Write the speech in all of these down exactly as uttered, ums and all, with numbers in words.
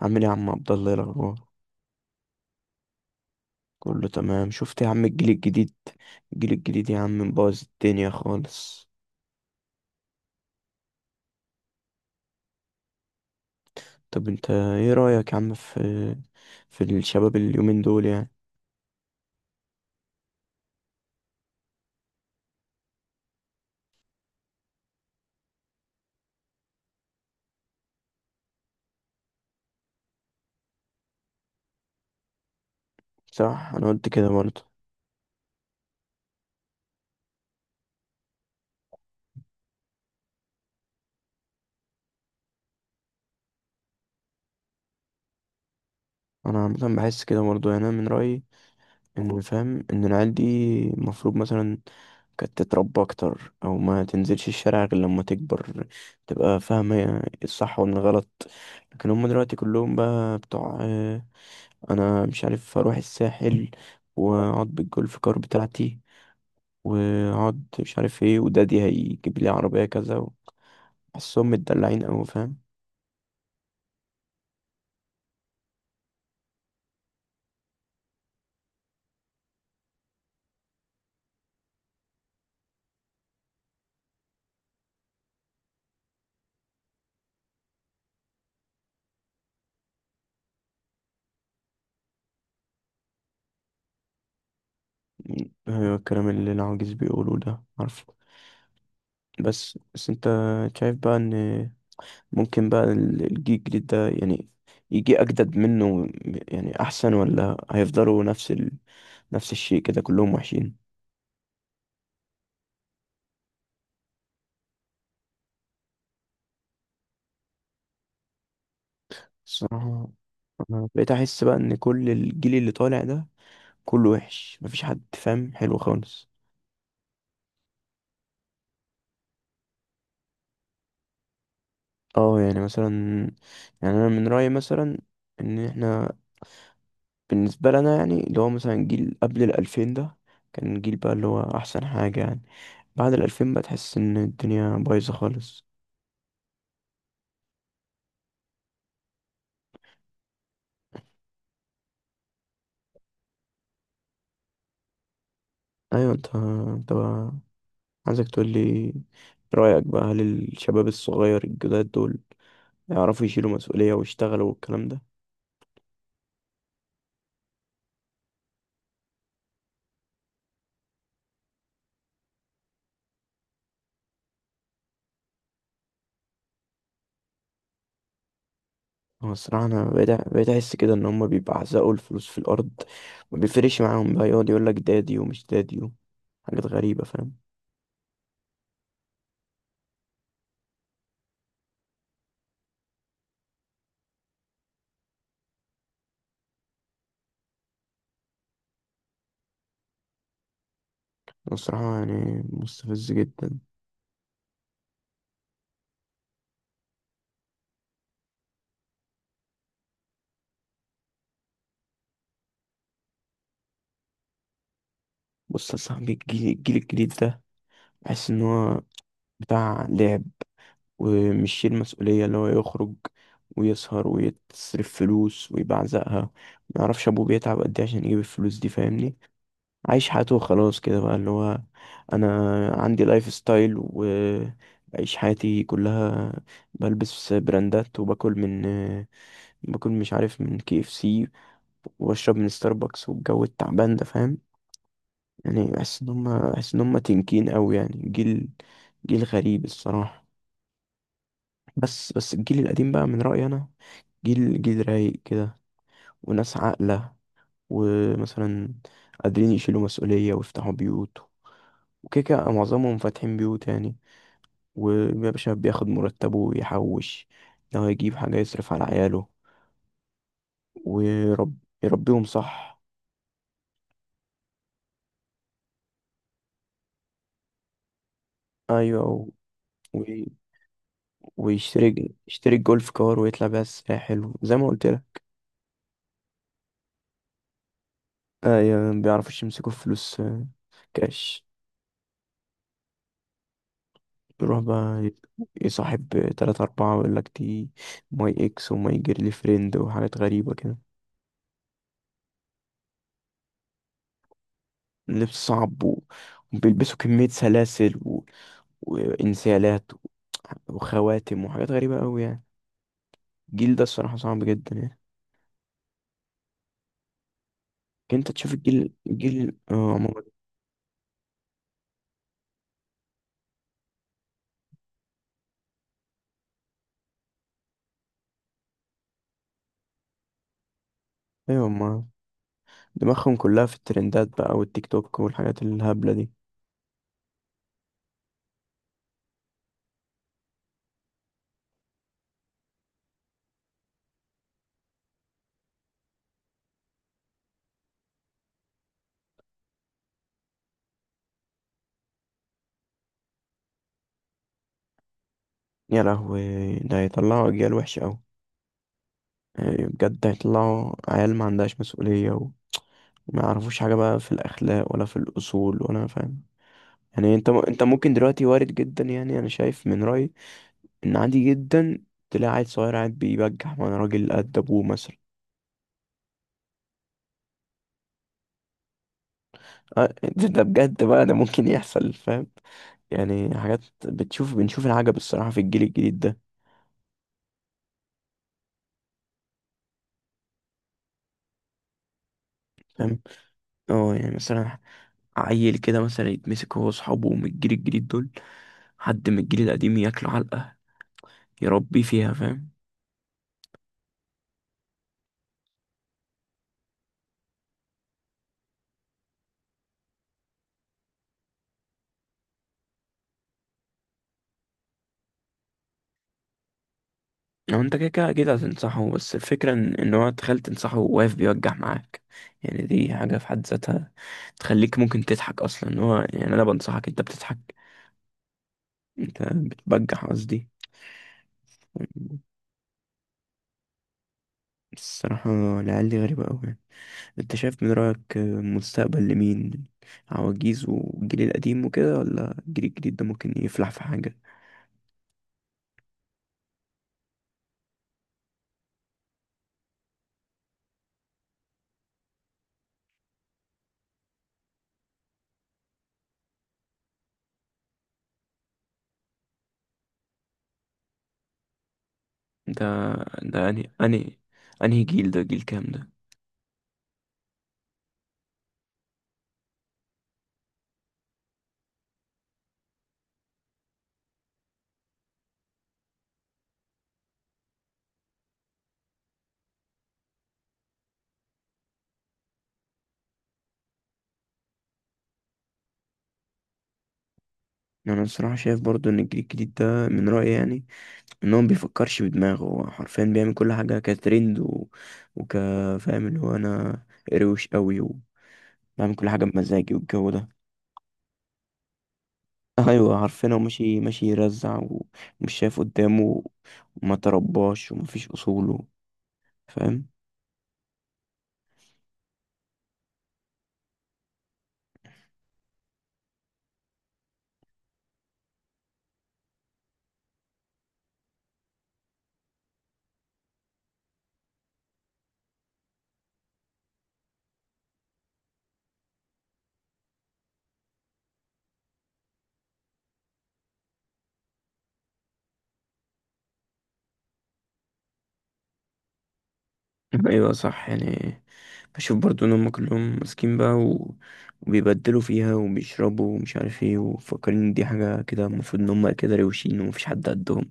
عامل ايه يا عم عبد الله؟ إيه الاخبار؟ كله تمام، شفت يا عم الجيل الجديد؟ الجيل الجديد يا عم مبوظ الدنيا خالص. طب انت ايه رأيك يا عم في في الشباب اليومين دول يعني؟ صح، انا قلت كده برضه. انا عامه بحس كده برضه، يعني انا من رأيي ان فاهم ان العيال دي المفروض مثلا كانت تتربى اكتر او ما تنزلش الشارع غير لما تكبر، تبقى فاهمة الصح والغلط. لكن هم دلوقتي كلهم بقى بتوع، انا مش عارف اروح الساحل واقعد بالجولف كار بتاعتي، واقعد مش عارف ايه، ودادي هيجيب لي عربية كذا. بحسهم متدلعين اوي، فاهم؟ هو الكلام اللي العواجيز بيقولوه ده، عارفه؟ بس بس انت شايف بقى ان ممكن بقى ال- الجيل الجديد ده يعني يجي اجدد منه، يعني احسن، ولا هيفضلوا نفس ال... نفس الشيء كده كلهم وحشين؟ الصراحة انا بقيت احس بقى ان كل الجيل اللي طالع ده كله وحش، مفيش حد فاهم حلو خالص. اه يعني مثلا، يعني انا من رأيي مثلا ان احنا، بالنسبة لنا يعني اللي هو مثلا جيل قبل الألفين ده كان جيل بقى اللي هو احسن حاجة يعني. بعد الألفين بقى تحس ان الدنيا بايظة خالص. ايوه، انت انت بقى عايزك تقول لي رأيك بقى، هل الشباب الصغير الجداد دول يعرفوا يشيلوا مسؤولية ويشتغلوا والكلام ده؟ هو الصراحة أنا بقيت بقيت أحس كده إن هما بيبعزقوا الفلوس في الأرض. ما بيفرقش معاهم، بقى يقعد يقولك دادي ومش دادي و- حاجات غريبة، فاهم؟ هو الصراحة يعني مستفز جدا. بص يا صاحبي، الجيل, الجيل الجديد ده بحس إن هو بتاع لعب، ومش شايل مسؤولية. اللي هو يخرج ويسهر ويتصرف فلوس ويبعزقها، ما يعرفش أبوه بيتعب قد إيه عشان يجيب الفلوس دي، فاهمني؟ عايش حياته وخلاص كده، بقى اللي هو انا عندي لايف ستايل وبعيش حياتي كلها، بلبس براندات وباكل من باكل مش عارف من كي اف سي، وبشرب من ستاربكس، والجو التعبان ده، فاهم؟ يعني بحس ان هم، بحس ان هم تنكين قوي يعني، جيل جيل غريب الصراحة. بس بس الجيل القديم بقى من رأيي انا جيل جيل رايق كده، وناس عاقلة، ومثلا قادرين يشيلوا مسؤولية ويفتحوا بيوت، وكده كده معظمهم فاتحين بيوت يعني. ويا باشا بياخد مرتبه ويحوش، لو هيجيب حاجة يصرف على عياله ويرب يربيهم صح. أيوة و... وي- ويشتري يشتري الجولف كار ويطلع بيها الساحل زي ما قلت لك. أيوة مبيعرفوش يمسكوا الفلوس، آه، كاش. يروح بقى ي- يصاحب تلاتة أربعة ويقول لك دي ماي إكس وماي جيرلي فريند وحاجات غريبة كده. لبس صعب و... وبيلبسوا كمية سلاسل و... وإنسيالات وخواتم وحاجات غريبة أوي يعني. الجيل ده الصراحة صعب جدا يعني. انت تشوف الجيل الجيل اه ما- ايوه، ما دماغهم كلها في الترندات بقى، والتيك توك والحاجات الهبلة دي. يا لهوي، ده هيطلعوا اجيال وحشة اوي، يعني بجد هيطلعوا عيال ما عندهاش مسؤولية و- وما يعرفوش حاجة بقى في الأخلاق ولا في الأصول ولا، فاهم؟ يعني انت م... انت ممكن دلوقتي وارد جدا، يعني انا شايف من رأيي ان عادي جدا تلاقي عيل صغير قاعد بيبجح مع راجل قد ابوه مثلا. آه، ده ده بجد بقى، ده ممكن يحصل فاهم. يعني حاجات بتشوف بنشوف العجب الصراحة في الجيل الجديد ده. فاهم، اه يعني مثلا عيل كده مثلا يتمسك هو وأصحابه من الجيل الجديد دول، حد من الجيل القديم ياكله علقة، يربيه فيها، فاهم؟ لو انت كده كده أكيد هتنصحه، بس الفكرة ان إن هو تخيل تنصحه واقف بيوجع معاك، يعني دي حاجة في حد ذاتها تخليك ممكن تضحك أصلا. إن هو يعني أنا بنصحك أنت بتضحك، أنت بتبجح قصدي. الصراحة العيال دي غريبة أوي يعني. انت شايف من رأيك مستقبل لمين؟ عواجيز والجيل القديم وكده، ولا الجيل الجديد ده ممكن يفلح في حاجة؟ ده ده انهي انهي انهي جيل؟ ده جيل كام ده؟ انا الصراحة شايف برضو ان الجيل الجديد ده، من رأيي يعني، ان هو مبيفكرش بدماغه. هو حرفيا بيعمل كل حاجة كترند و... وك فاهم، اللي هو انا روش قوي وبعمل كل حاجة بمزاجي، والجو ده. ايوه حرفيا، هو ماشي ماشي يرزع ومش شايف قدامه، وما ترباش ومفيش اصوله، فاهم؟ ايوه صح يعني، بشوف برضو ان هم كلهم ماسكين بقى، و... وبيبدلوا فيها وبيشربوا ومش عارف ايه، ومفكرين ان دي حاجة كده، المفروض ان هم كده روشين ومفيش حد قدهم.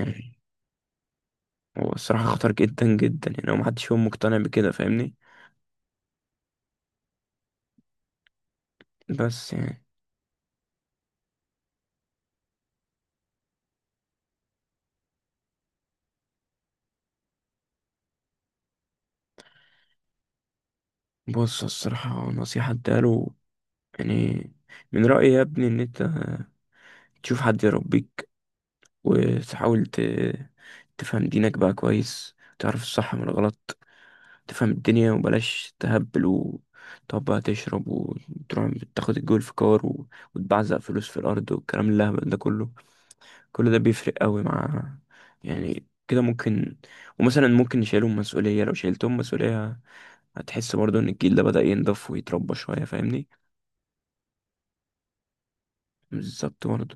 يعني هو الصراحة خطر جدا جدا يعني، هو محدش فيهم مقتنع بكده فاهمني. بس يعني، بص الصراحة نصيحة اداله، يعني من رأيي يا ابني ان انت تشوف حد يربيك، وتحاول ت... تفهم دينك بقى كويس، تعرف الصح من الغلط، تفهم الدنيا، وبلاش تهبل وتقعد بقى تشرب وتروح تاخد الجول في كار و... وتبعزق فلوس في الأرض والكلام اللهبل ده كله. كل ده بيفرق قوي مع، يعني كده ممكن، ومثلا ممكن يشيلهم مسؤولية. لو شيلتهم مسؤولية هتحس برضو إن الجيل ده بدأ ينضف ويتربى شوية، فاهمني؟ بالظبط برضو.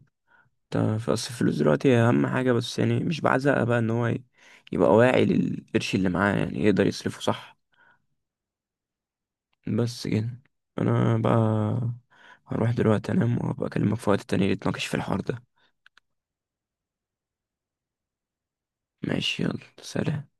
انت في أصل الفلوس دلوقتي هي أهم حاجة، بس يعني مش بعزقها بقى. إن هو ي- يبقى واعي للقرش اللي معاه، يعني يقدر يصرفه صح. بس كده، انا بقى هروح دلوقتي انام، وابقى اكلمك في وقت تاني نتناقش في الحوار ده. ماشي، يلا سلام.